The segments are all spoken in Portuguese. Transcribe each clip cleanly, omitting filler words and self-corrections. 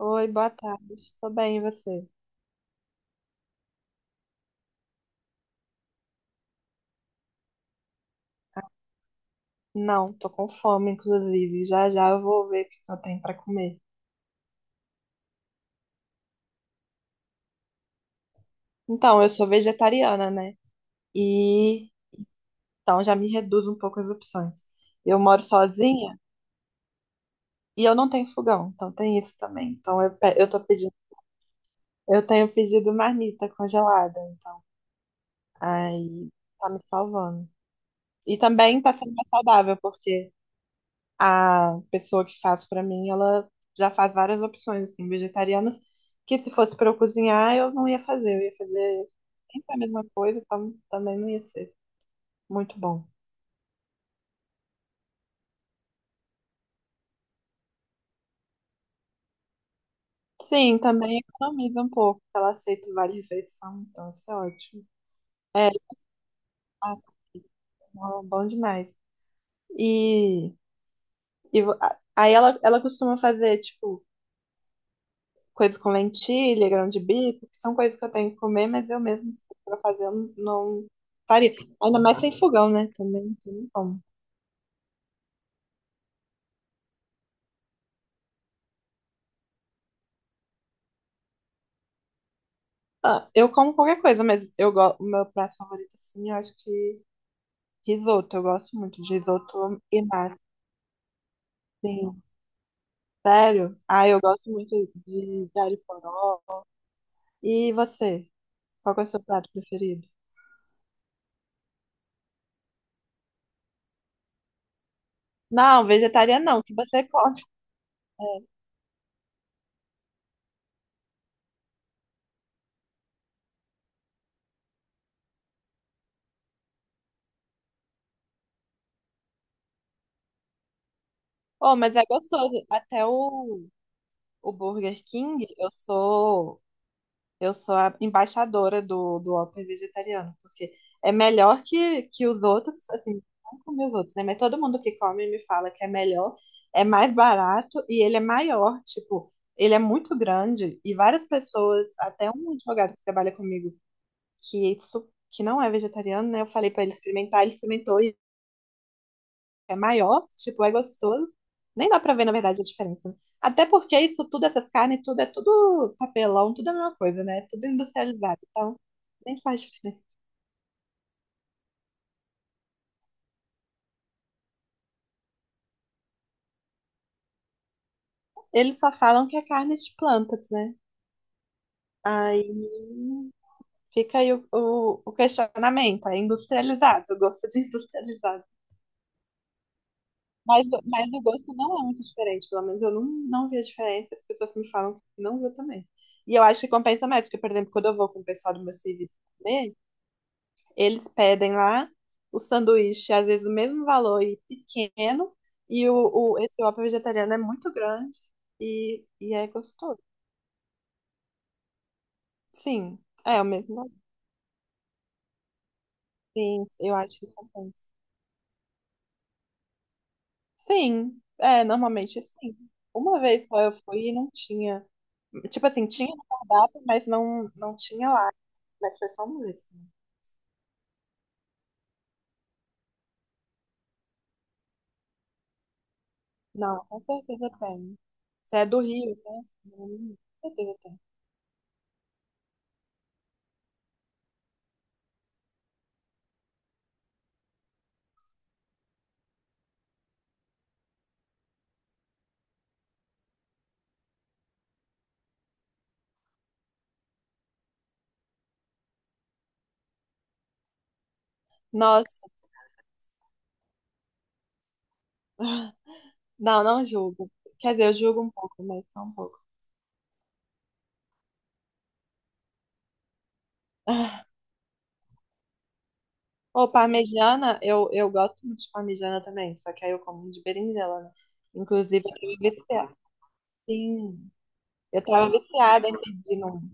Oi, boa tarde. Tô bem, e você? Não, tô com fome, inclusive. Já já eu vou ver o que que eu tenho pra comer. Então, eu sou vegetariana, né? E então já me reduz um pouco as opções. Eu moro sozinha e eu não tenho fogão, então tem isso também. Então eu tô pedindo, eu tenho pedido marmita congelada, então aí tá me salvando. E também tá sendo mais saudável, porque a pessoa que faz pra mim, ela já faz várias opções assim, vegetarianas, que se fosse pra eu cozinhar, eu não ia fazer, eu ia fazer sempre a mesma coisa, então também não ia ser muito bom. Sim, também economiza um pouco, porque ela aceita vale refeição, então isso é ótimo. É, aceita, bom bom demais. E, e aí ela costuma fazer, tipo, coisas com lentilha, grão de bico, que são coisas que eu tenho que comer, mas eu mesmo para fazer eu não faria. Ainda mais sem fogão, né? Também tem como. Ah, eu como qualquer coisa, mas eu gosto, o meu prato favorito, assim, eu acho que risoto. Eu gosto muito de risoto e massa. Sim, sério? Ah, eu gosto muito de alho poró. E você? Qual que é o seu prato preferido? Não, vegetariano não, que você come. Oh, mas é gostoso. Até o Burger King, eu sou a embaixadora do Whopper vegetariano, porque é melhor que os outros, assim, não comer os outros, né? Mas todo mundo que come me fala que é melhor, é mais barato e ele é maior, tipo, ele é muito grande e várias pessoas, até um advogado que trabalha comigo, que, isso, que não é vegetariano, né? Eu falei pra ele experimentar, ele experimentou é maior, tipo, é gostoso. Nem dá pra ver, na verdade, a diferença, né? Até porque isso tudo, essas carnes, tudo é tudo papelão, tudo é a mesma coisa, né? Tudo industrializado, então nem faz diferença. Eles só falam que é carne de plantas, né? Aí fica aí o questionamento, é industrializado, eu gosto de industrializado. Mas o gosto não é muito diferente, pelo menos eu não vi a diferença, as pessoas me falam que não viu também. E eu acho que compensa mais, porque, por exemplo, quando eu vou com o pessoal do meu serviço comer, eles pedem lá o sanduíche, às vezes o mesmo valor e pequeno, e esse Whopper vegetariano é muito grande e é gostoso. Sim, é o mesmo valor. Sim, eu acho que compensa. Sim, é, normalmente sim. Uma vez só eu fui e não tinha. Tipo assim, tinha no cardápio, mas não tinha lá. Mas foi só uma vez. Não, com certeza tem. Você é do Rio, né? Hum. Com certeza tem. Nossa. Não, não julgo. Quer dizer, eu julgo um pouco, mas só um pouco. Ou parmegiana, eu gosto muito de parmegiana também, só que aí eu como de berinjela, né? Inclusive, eu tava viciada. Sim, eu tava viciada em pedir um.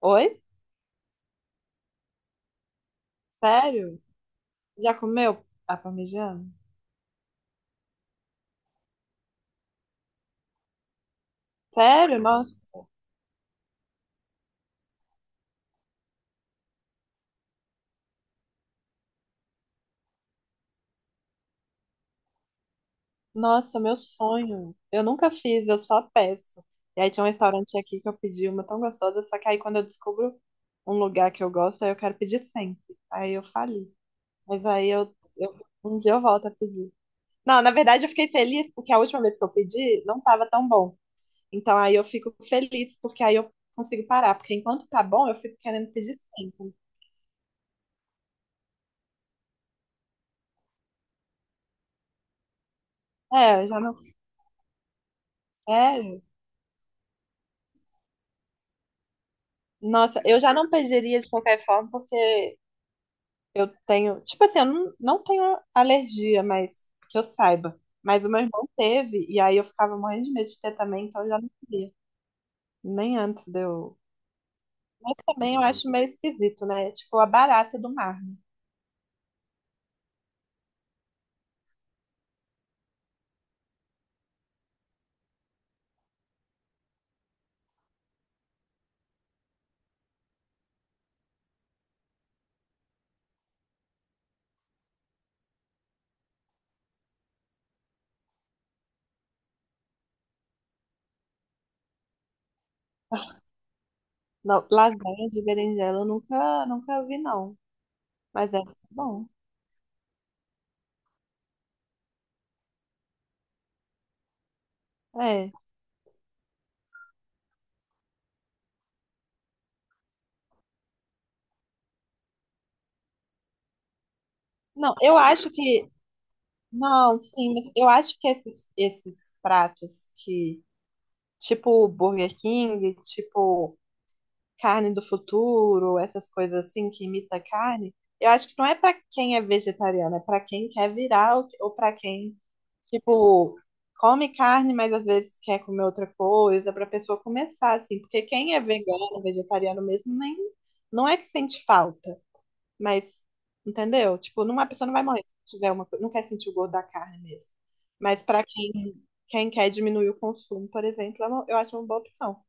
Oi? Sério? Já comeu a parmegiana? Sério? Nossa, nossa, meu sonho. Eu nunca fiz, eu só peço. E aí tinha um restaurante aqui que eu pedi uma tão gostosa, só que aí quando eu descubro um lugar que eu gosto, aí eu quero pedir sempre. Aí eu fali. Mas aí um dia eu volto a pedir. Não, na verdade eu fiquei feliz porque a última vez que eu pedi não estava tão bom. Então aí eu fico feliz porque aí eu consigo parar, porque enquanto tá bom eu fico querendo pedir sempre. É, eu já não. É, nossa, eu já não pediria de qualquer forma porque eu tenho, tipo assim, eu não tenho alergia, mas que eu saiba. Mas o meu irmão teve e aí eu ficava morrendo de medo de ter também, então eu já não queria. Nem antes de eu. Mas também eu acho meio esquisito, né? Tipo a barata do mar. Não, lasanha de berinjela eu nunca, nunca vi, não. Mas deve ser bom. É. Não, eu acho que. Não, sim, mas eu acho que esses pratos que. Tipo Burger King, tipo carne do futuro, essas coisas assim que imita carne, eu acho que não é para quem é vegetariano, é para quem quer virar ou para quem, tipo, come carne, mas às vezes quer comer outra coisa, para pessoa começar assim, porque quem é vegano, vegetariano mesmo, nem não é que sente falta, mas entendeu? Tipo, não, a pessoa não vai morrer se tiver não quer sentir o gosto da carne mesmo. Mas para quem quer diminuir o consumo, por exemplo, eu acho uma boa opção.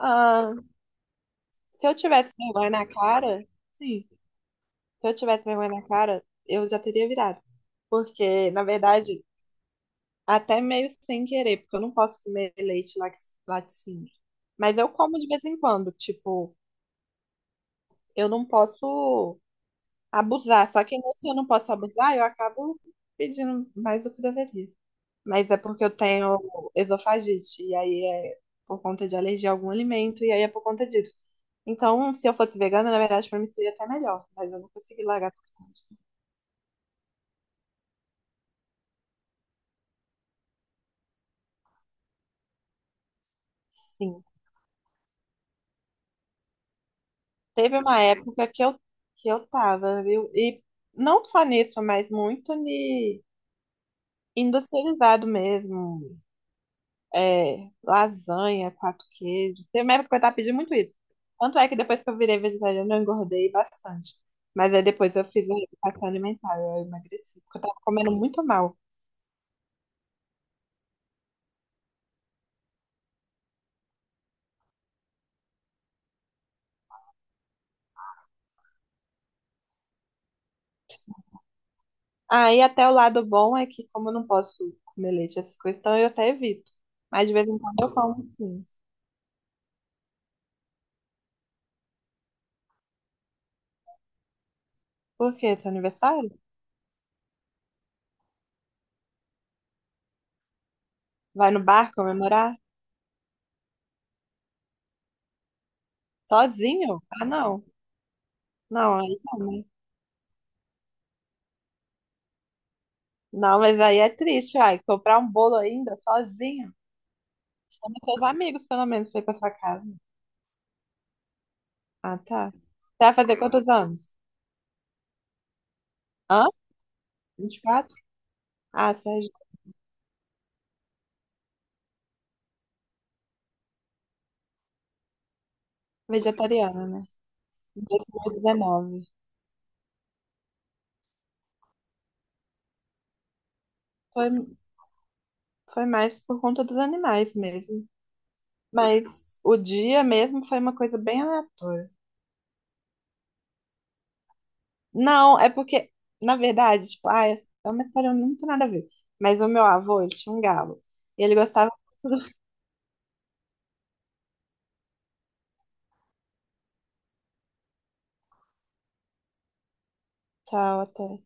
Sim. Se eu tivesse vergonha na cara. Sim. Se eu tivesse vergonha na cara, eu já teria virado. Porque, na verdade, até meio sem querer, porque eu não posso comer leite laticínio. Mas eu como de vez em quando, tipo, eu não posso abusar. Só que nesse eu não posso abusar, eu acabo pedindo mais do que deveria. Mas é porque eu tenho esofagite, e aí é por conta de alergia a algum alimento, e aí é por conta disso. Então, se eu fosse vegana, na verdade, pra mim seria até melhor, mas eu não consegui largar. Sim. Teve uma época que que eu tava, viu? E não só nisso, mas muito de industrializado mesmo. É, lasanha, quatro queijos. Teve uma época que eu tava pedindo muito isso. Tanto é que depois que eu virei vegetariana, eu engordei bastante. Mas aí depois eu fiz uma educação alimentar, eu emagreci, porque eu tava comendo muito mal. Aí até o lado bom é que, como eu não posso comer leite, essas coisas, então eu até evito. Mas de vez em quando eu como, sim. Por quê? Seu aniversário? Vai no bar comemorar? Sozinho? Ah, não. Não, aí não, né? Não, mas aí é triste, ai. Comprar um bolo ainda sozinho. Chama seus amigos, pelo menos, pra ir pra sua casa. Ah, tá. Você vai fazer quantos anos? Hã? 24? Ah, você é vegetariana, né? Em 2019. Foi, foi mais por conta dos animais mesmo. Mas o dia mesmo foi uma coisa bem aleatória. Não, é porque, na verdade, tipo, ah, é uma história muito nada a ver. Mas o meu avô, ele tinha um galo. E ele gostava muito do... Tchau, até.